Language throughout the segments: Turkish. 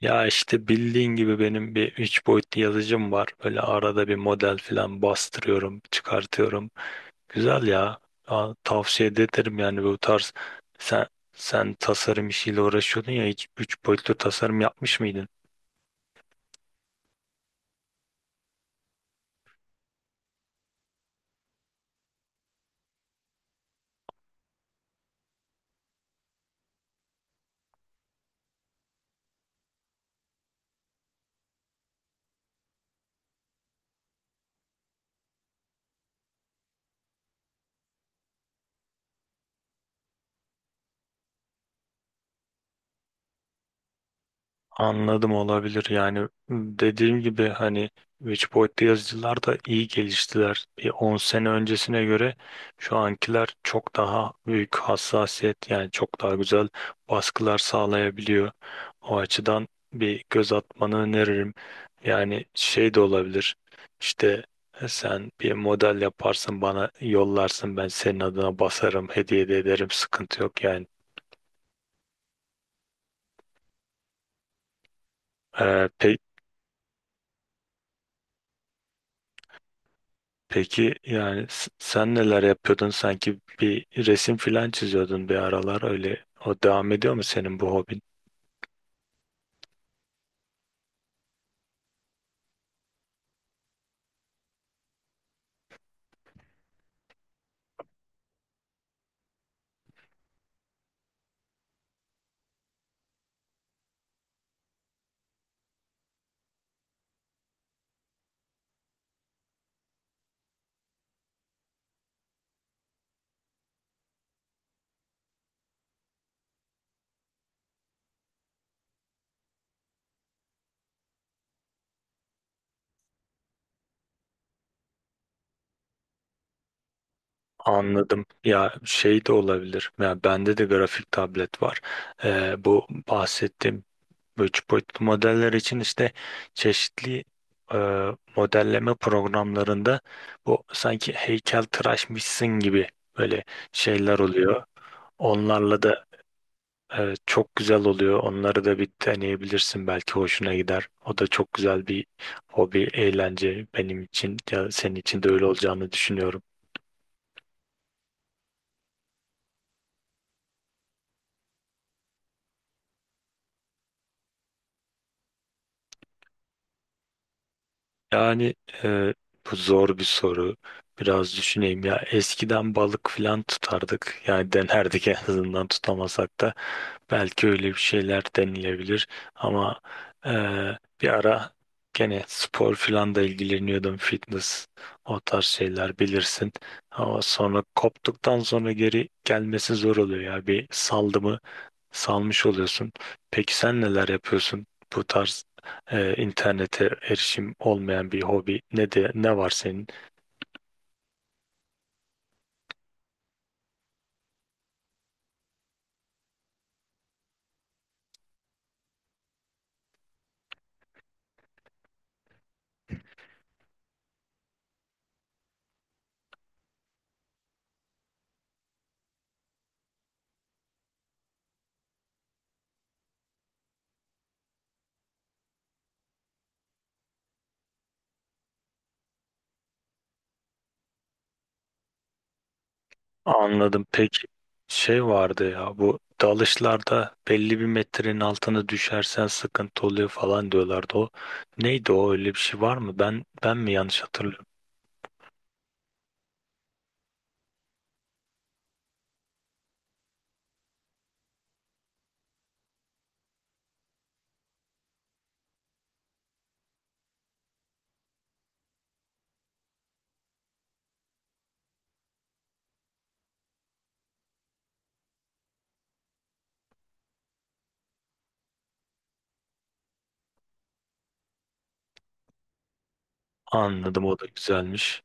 Ya işte bildiğin gibi benim bir 3 boyutlu yazıcım var. Böyle arada bir model falan bastırıyorum, çıkartıyorum. Güzel ya. Aa, tavsiye de ederim yani bu tarz. Sen sen tasarım işiyle uğraşıyordun ya hiç 3 boyutlu tasarım yapmış mıydın? Anladım, olabilir. Yani dediğim gibi hani 3 boyutlu yazıcılar da iyi geliştiler. Bir 10 sene öncesine göre şu ankiler çok daha büyük hassasiyet, yani çok daha güzel baskılar sağlayabiliyor. O açıdan bir göz atmanı öneririm. Yani şey de olabilir, işte sen bir model yaparsın, bana yollarsın, ben senin adına basarım, hediye de ederim, sıkıntı yok yani. Ee, pe- Peki yani sen neler yapıyordun? Sanki bir resim filan çiziyordun bir aralar öyle. O devam ediyor mu senin bu hobin? Anladım. Ya şey de olabilir. Ya bende de grafik tablet var. Bu bahsettiğim bu üç boyutlu modeller için işte çeşitli e, modelleme programlarında bu sanki heykeltıraşmışsın gibi böyle şeyler oluyor. Onlarla da evet, çok güzel oluyor. Onları da bir deneyebilirsin. Belki hoşuna gider. O da çok güzel bir hobi, eğlence benim için. Ya senin için de öyle olacağını düşünüyorum. Yani e, bu zor bir soru. Biraz düşüneyim ya. Eskiden balık falan tutardık. Yani denerdik en azından tutamasak da. Belki öyle bir şeyler denilebilir. Ama e, bir ara gene spor falan da ilgileniyordum. Fitness, o tarz şeyler bilirsin. Ama sonra koptuktan sonra geri gelmesi zor oluyor ya. Bir saldım, salmış oluyorsun. Peki sen neler yapıyorsun? Bu tarz internete erişim olmayan bir hobi ne de ne var senin? Anladım. Peki, şey vardı ya, bu dalışlarda belli bir metrenin altına düşersen sıkıntı oluyor falan diyorlardı o. Neydi o, öyle bir şey var mı? Ben mi yanlış hatırlıyorum? Anladım, o da güzelmiş.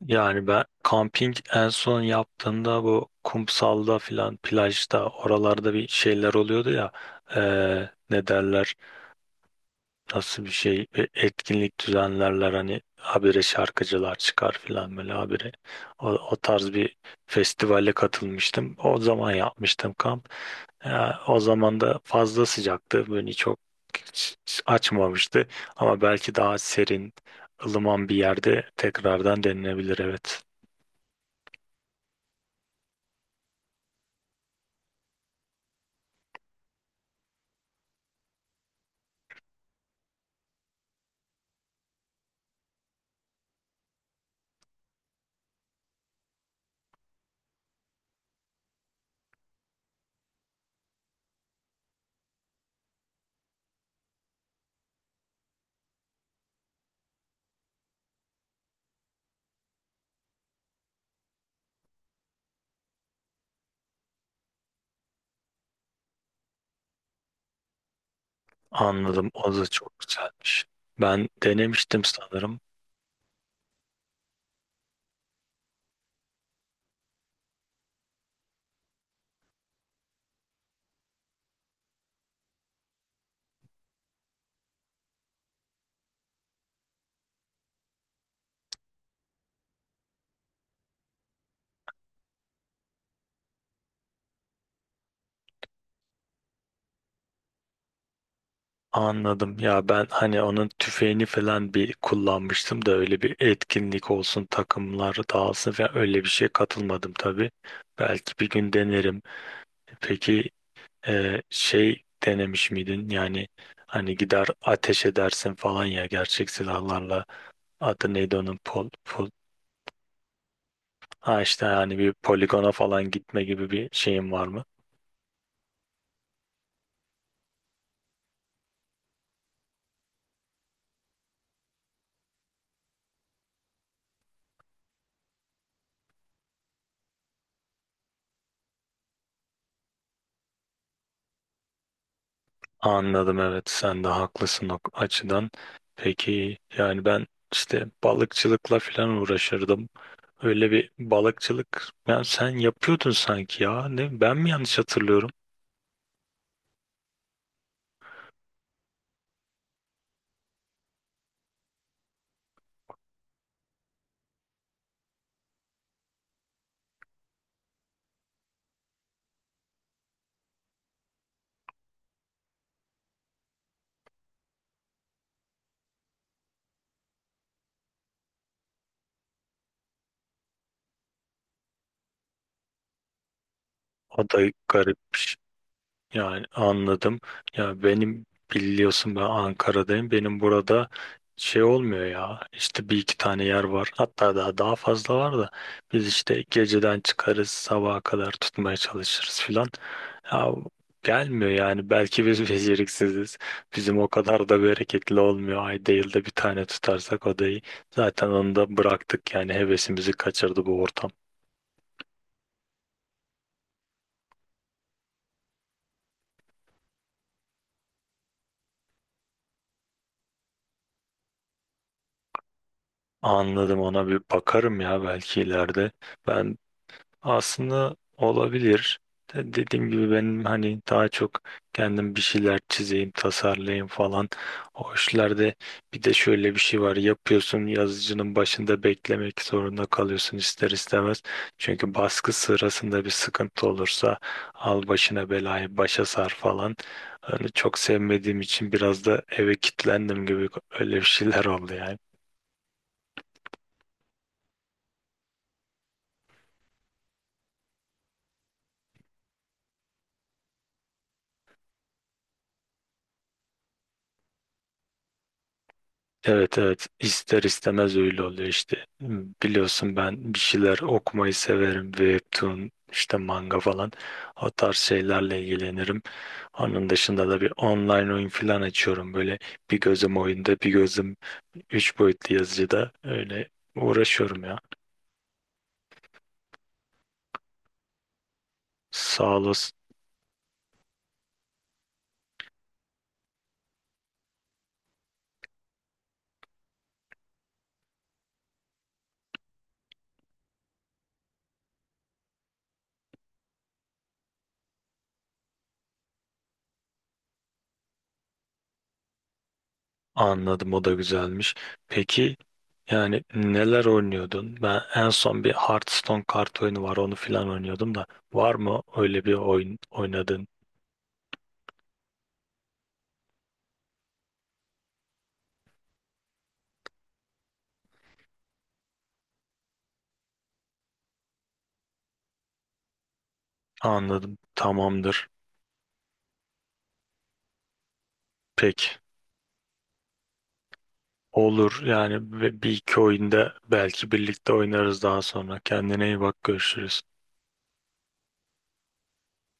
Yani ben kamping en son yaptığımda bu kumsalda filan, plajda oralarda bir şeyler oluyordu ya, ne derler, nasıl bir şey, bir etkinlik düzenlerler hani, habire şarkıcılar çıkar filan, böyle habire o tarz bir festivale katılmıştım, o zaman yapmıştım kamp. Ya, o zaman da fazla sıcaktı, beni çok açmamıştı, ama belki daha serin, ılıman bir yerde tekrardan denenebilir, evet. Anladım. O da çok güzelmiş. Ben denemiştim sanırım. Anladım. Ya ben hani onun tüfeğini falan bir kullanmıştım da öyle bir etkinlik olsun, takımlar dağılsın falan öyle bir şeye katılmadım tabii. Belki bir gün denerim. Peki şey denemiş miydin? Yani hani gider ateş edersin falan ya, gerçek silahlarla. Adı neydi onun? Pol. Ha işte, yani bir poligona falan gitme gibi bir şeyin var mı? Anladım, evet, sen de haklısın o açıdan. Peki yani ben işte balıkçılıkla falan uğraşırdım. Öyle bir balıkçılık yani sen yapıyordun sanki ya. Ne, ben mi yanlış hatırlıyorum? O da garip. Yani anladım. Ya benim, biliyorsun ben Ankara'dayım. Benim burada şey olmuyor ya. İşte bir iki tane yer var. Hatta daha fazla var da biz işte geceden çıkarız, sabaha kadar tutmaya çalışırız filan. Ya gelmiyor yani. Belki biz beceriksiziz. Bizim o kadar da bereketli olmuyor. Ayda yılda bir tane tutarsak odayı. Zaten onu da bıraktık yani, hevesimizi kaçırdı bu ortam. Anladım, ona bir bakarım ya belki ileride. Ben, aslında olabilir. Dediğim gibi benim hani daha çok kendim bir şeyler çizeyim, tasarlayayım falan. O işlerde bir de şöyle bir şey var. Yapıyorsun, yazıcının başında beklemek zorunda kalıyorsun ister istemez. Çünkü baskı sırasında bir sıkıntı olursa al başına belayı, başa sar falan. Hani çok sevmediğim için biraz da eve kilitlendim gibi, öyle bir şeyler oldu yani. Evet, evet, ister istemez öyle oluyor işte. Hmm, biliyorsun ben bir şeyler okumayı severim. Webtoon, işte manga falan, o tarz şeylerle ilgilenirim. Onun dışında da bir online oyun falan açıyorum. Böyle bir gözüm oyunda, bir gözüm üç boyutlu yazıcıda, öyle uğraşıyorum ya. Sağ olasın. Anladım, o da güzelmiş. Peki yani neler oynuyordun? Ben en son bir Hearthstone kart oyunu var, onu filan oynuyordum da, var mı öyle bir oyun oynadın? Anladım. Tamamdır. Peki. Olur yani, ve bir iki oyunda belki birlikte oynarız daha sonra. Kendine iyi bak, görüşürüz.